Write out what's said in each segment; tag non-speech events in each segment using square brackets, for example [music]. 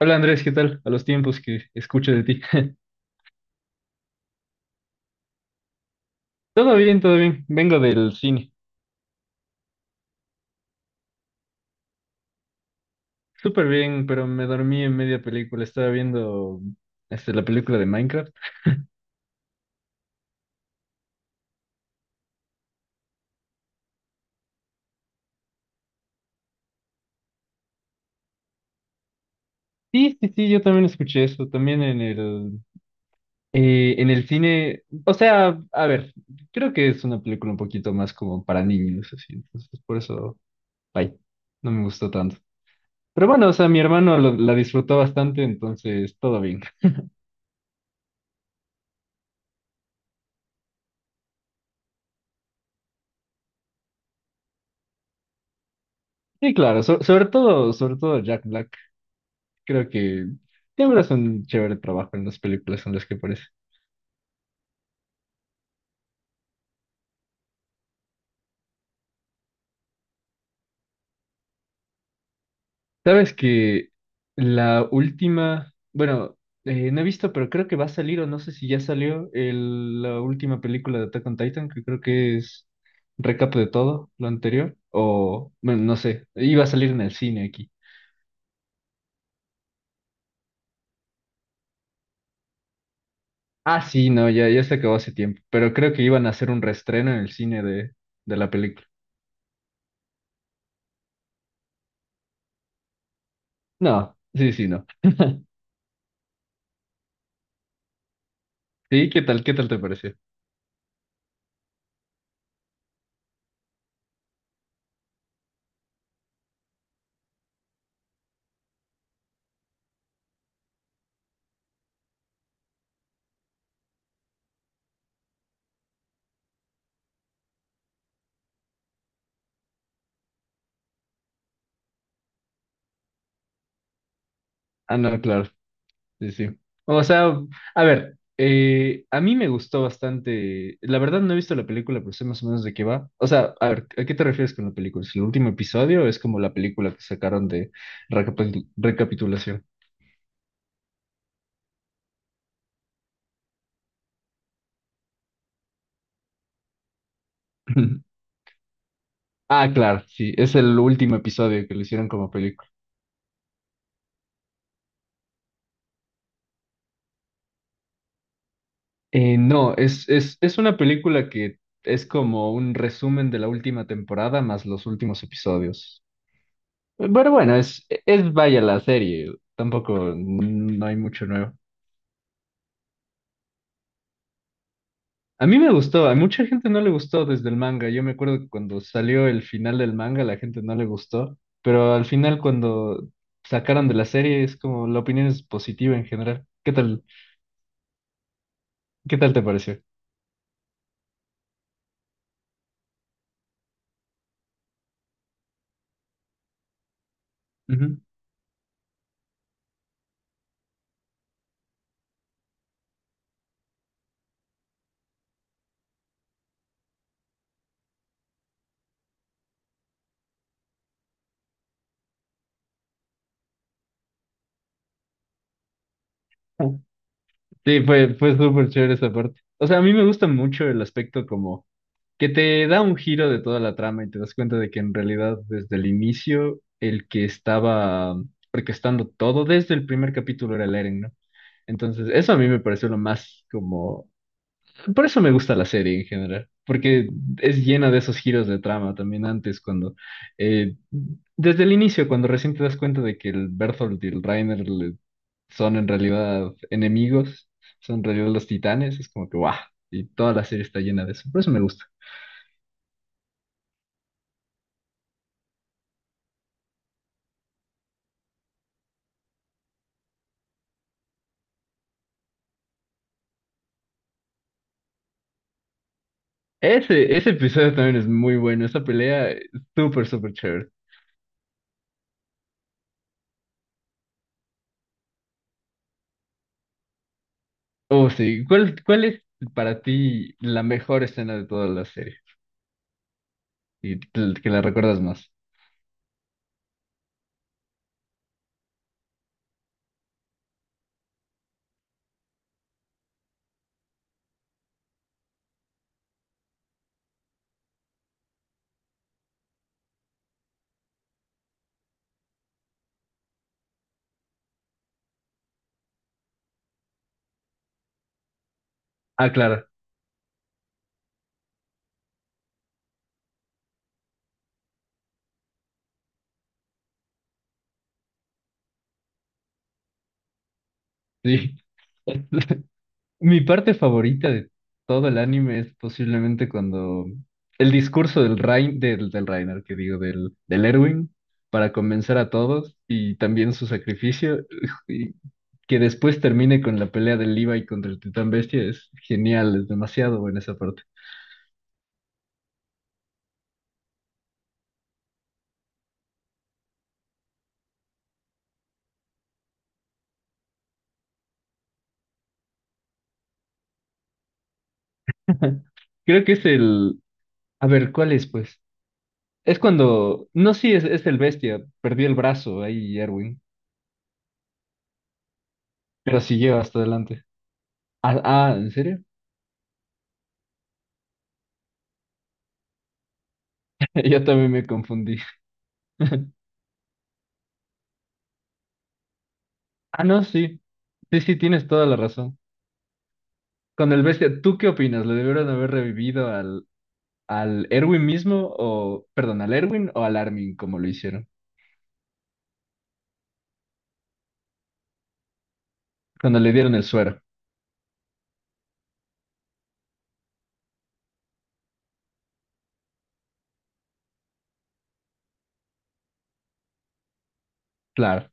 Hola Andrés, ¿qué tal? A los tiempos que escucho de ti. [laughs] Todo bien, todo bien. Vengo del cine. Súper bien, pero me dormí en media película. Estaba viendo este, la película de Minecraft. Sí, sí, sí, yo también escuché eso. También en en el cine. O sea, a ver, creo que es una película un poquito más como para niños, así. Entonces, por eso, ay, no me gustó tanto. Pero bueno, o sea, mi hermano la disfrutó bastante, entonces todo bien. Sí, claro, sobre todo Jack Black. Creo que siempre es un chévere trabajo en las películas en las que aparece. Sabes que la última, bueno, no he visto, pero creo que va a salir, o no sé si ya salió, la última película de Attack on Titan, que creo que es recap de todo lo anterior, o, bueno, no sé, iba a salir en el cine aquí. Ah, sí, no, ya, ya se acabó hace tiempo, pero creo que iban a hacer un reestreno en el cine de la película. No, sí, sí, no. Sí, ¿qué tal? ¿Qué tal te pareció? Ah, no, claro. Sí, sí. O sea, a ver, a mí me gustó bastante. La verdad no he visto la película, pero sé más o menos de qué va. O sea, a ver, ¿a qué te refieres con la película? ¿Es el último episodio o es como la película que sacaron de recapitulación? [laughs] Ah, claro, sí, es el último episodio que lo hicieron como película. No, es una película que es como un resumen de la última temporada más los últimos episodios. Pero bueno, es vaya la serie, tampoco no hay mucho nuevo. A mí me gustó, a mucha gente no le gustó desde el manga. Yo me acuerdo que cuando salió el final del manga, la gente no le gustó, pero al final cuando sacaron de la serie es como la opinión es positiva en general. ¿Qué tal te pareció? Ujú. Sí, fue súper chévere esa parte. O sea, a mí me gusta mucho el aspecto como que te da un giro de toda la trama y te das cuenta de que en realidad desde el inicio el que estaba orquestando todo desde el primer capítulo era el Eren, ¿no? Entonces, eso a mí me pareció lo más como. Por eso me gusta la serie en general, porque es llena de esos giros de trama también antes, cuando eh, desde el inicio, cuando recién te das cuenta de que el Berthold y el Reiner son en realidad enemigos, son en realidad los titanes, es como que guau, y toda la serie está llena de eso, por eso me gusta. Ese episodio también es muy bueno, esa pelea es súper, súper chévere. Oh, sí, ¿cuál es para ti la mejor escena de toda la serie? Y que la recuerdas más. Ah, claro, sí. [laughs] Mi parte favorita de todo el anime es posiblemente cuando el discurso del Rein, del, del Reiner, que digo, del, del Erwin, para convencer a todos y también su sacrificio, [laughs] y que después termine con la pelea del Levi contra el Titán Bestia, es genial, es demasiado buena esa parte. [laughs] Creo que es el... A ver, ¿cuál es, pues? Es cuando... No, sí, es el Bestia, perdió el brazo ahí, Erwin, pero siguió hasta adelante. Ah, ah, ¿en serio? [laughs] Yo también me confundí. [laughs] Ah, no, sí. Sí, sí, tienes toda la razón. Con el bestia, ¿tú qué opinas? ¿Le debieron haber revivido al Erwin mismo o, perdón, al Erwin o al Armin como lo hicieron? Cuando le dieron el suero. Claro.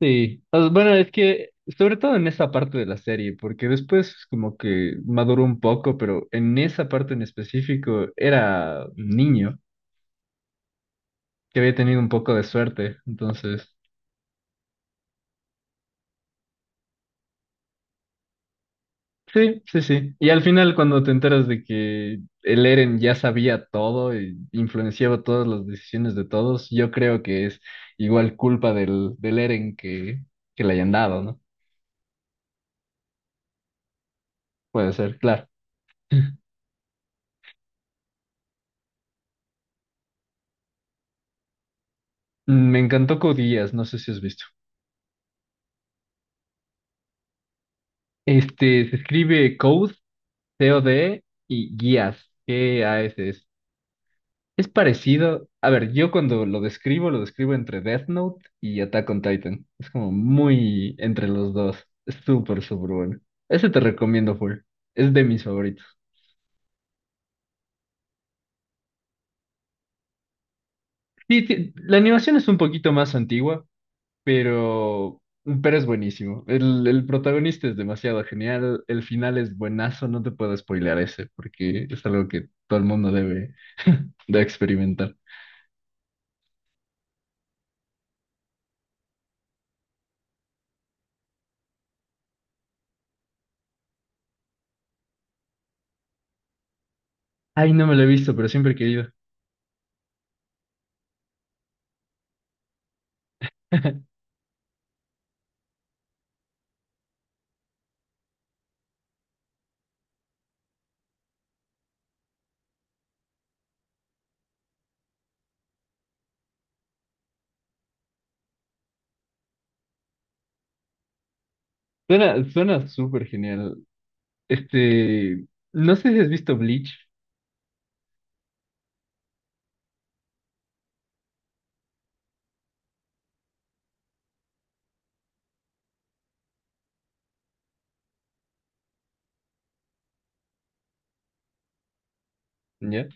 Sí. O sea, bueno, es que, sobre todo en esa parte de la serie, porque después como que maduró un poco, pero en esa parte en específico era un niño que había tenido un poco de suerte. Entonces... Sí, sí, sí. Y al final, cuando te enteras de que el Eren ya sabía todo e influenciaba todas las decisiones de todos, yo creo que es igual culpa del Eren que le hayan dado, ¿no? Puede ser, claro. [laughs] Mm, me encantó Code Geass, no sé si has visto. Este, se escribe Code, C-O-D, y Guías, Gass. Es parecido. A ver, yo cuando lo describo entre Death Note y Attack on Titan. Es como muy entre los dos. Es súper, súper bueno. Ese te recomiendo full. Es de mis favoritos. Sí, sí, la animación es un poquito más antigua, pero, pero es buenísimo. El protagonista es demasiado genial. El final es buenazo. No te puedo spoilear ese, porque es algo que todo el mundo debe, debe experimentar. Ay, no me lo he visto, pero siempre he querido. [laughs] Suena, suena súper genial. Este, no sé si has visto Bleach, ¿ya?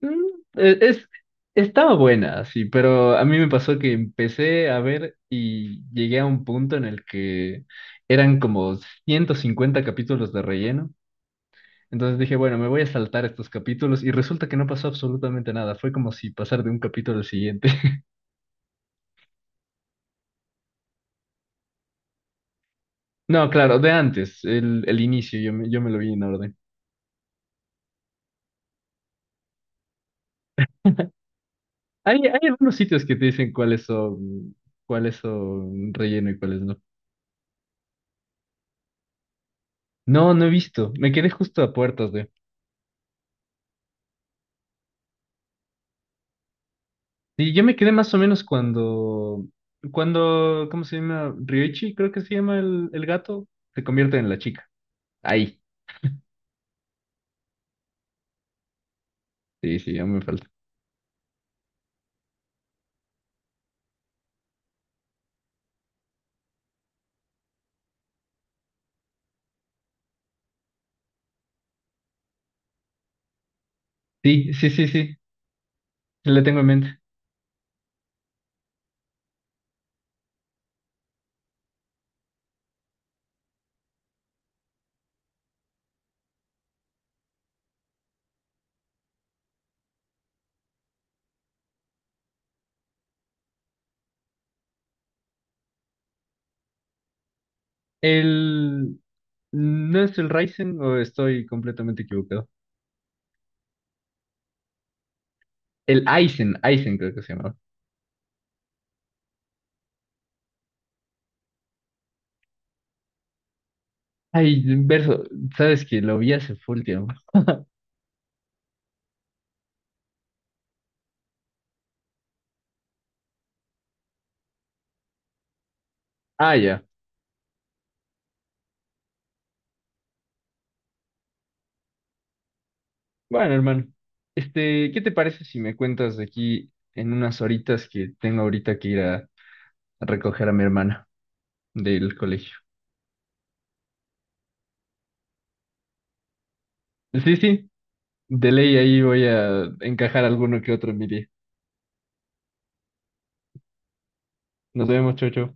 Mm, es, estaba buena, sí, pero a mí me pasó que empecé a ver y llegué a un punto en el que eran como 150 capítulos de relleno. Entonces dije, bueno, me voy a saltar estos capítulos y resulta que no pasó absolutamente nada. Fue como si pasar de un capítulo al siguiente. [laughs] No, claro, de antes, el inicio, yo me lo vi en orden. Hay algunos sitios que te dicen cuáles son relleno y cuáles no. No, no he visto. Me quedé justo a puertas de. Y yo me quedé más o menos cuando, cuando, ¿cómo se llama? Ryoichi, creo que se llama el gato, se convierte en la chica. Ahí. Sí, sí, ya me falta. Sí, sí, sí, sí. La tengo en mente. El, ¿no es el Raisen o estoy completamente equivocado? El Aizen, Aizen creo que se llamaba. Ay, verso, sabes que lo vi hace full tiempo. Ah, ya. Bueno, hermano, este, ¿qué te parece si me cuentas de aquí en unas horitas que tengo ahorita que ir a recoger a mi hermana del colegio? Sí, sí, de ley ahí voy a encajar alguno que otro en mi día. Nos vemos, chocho.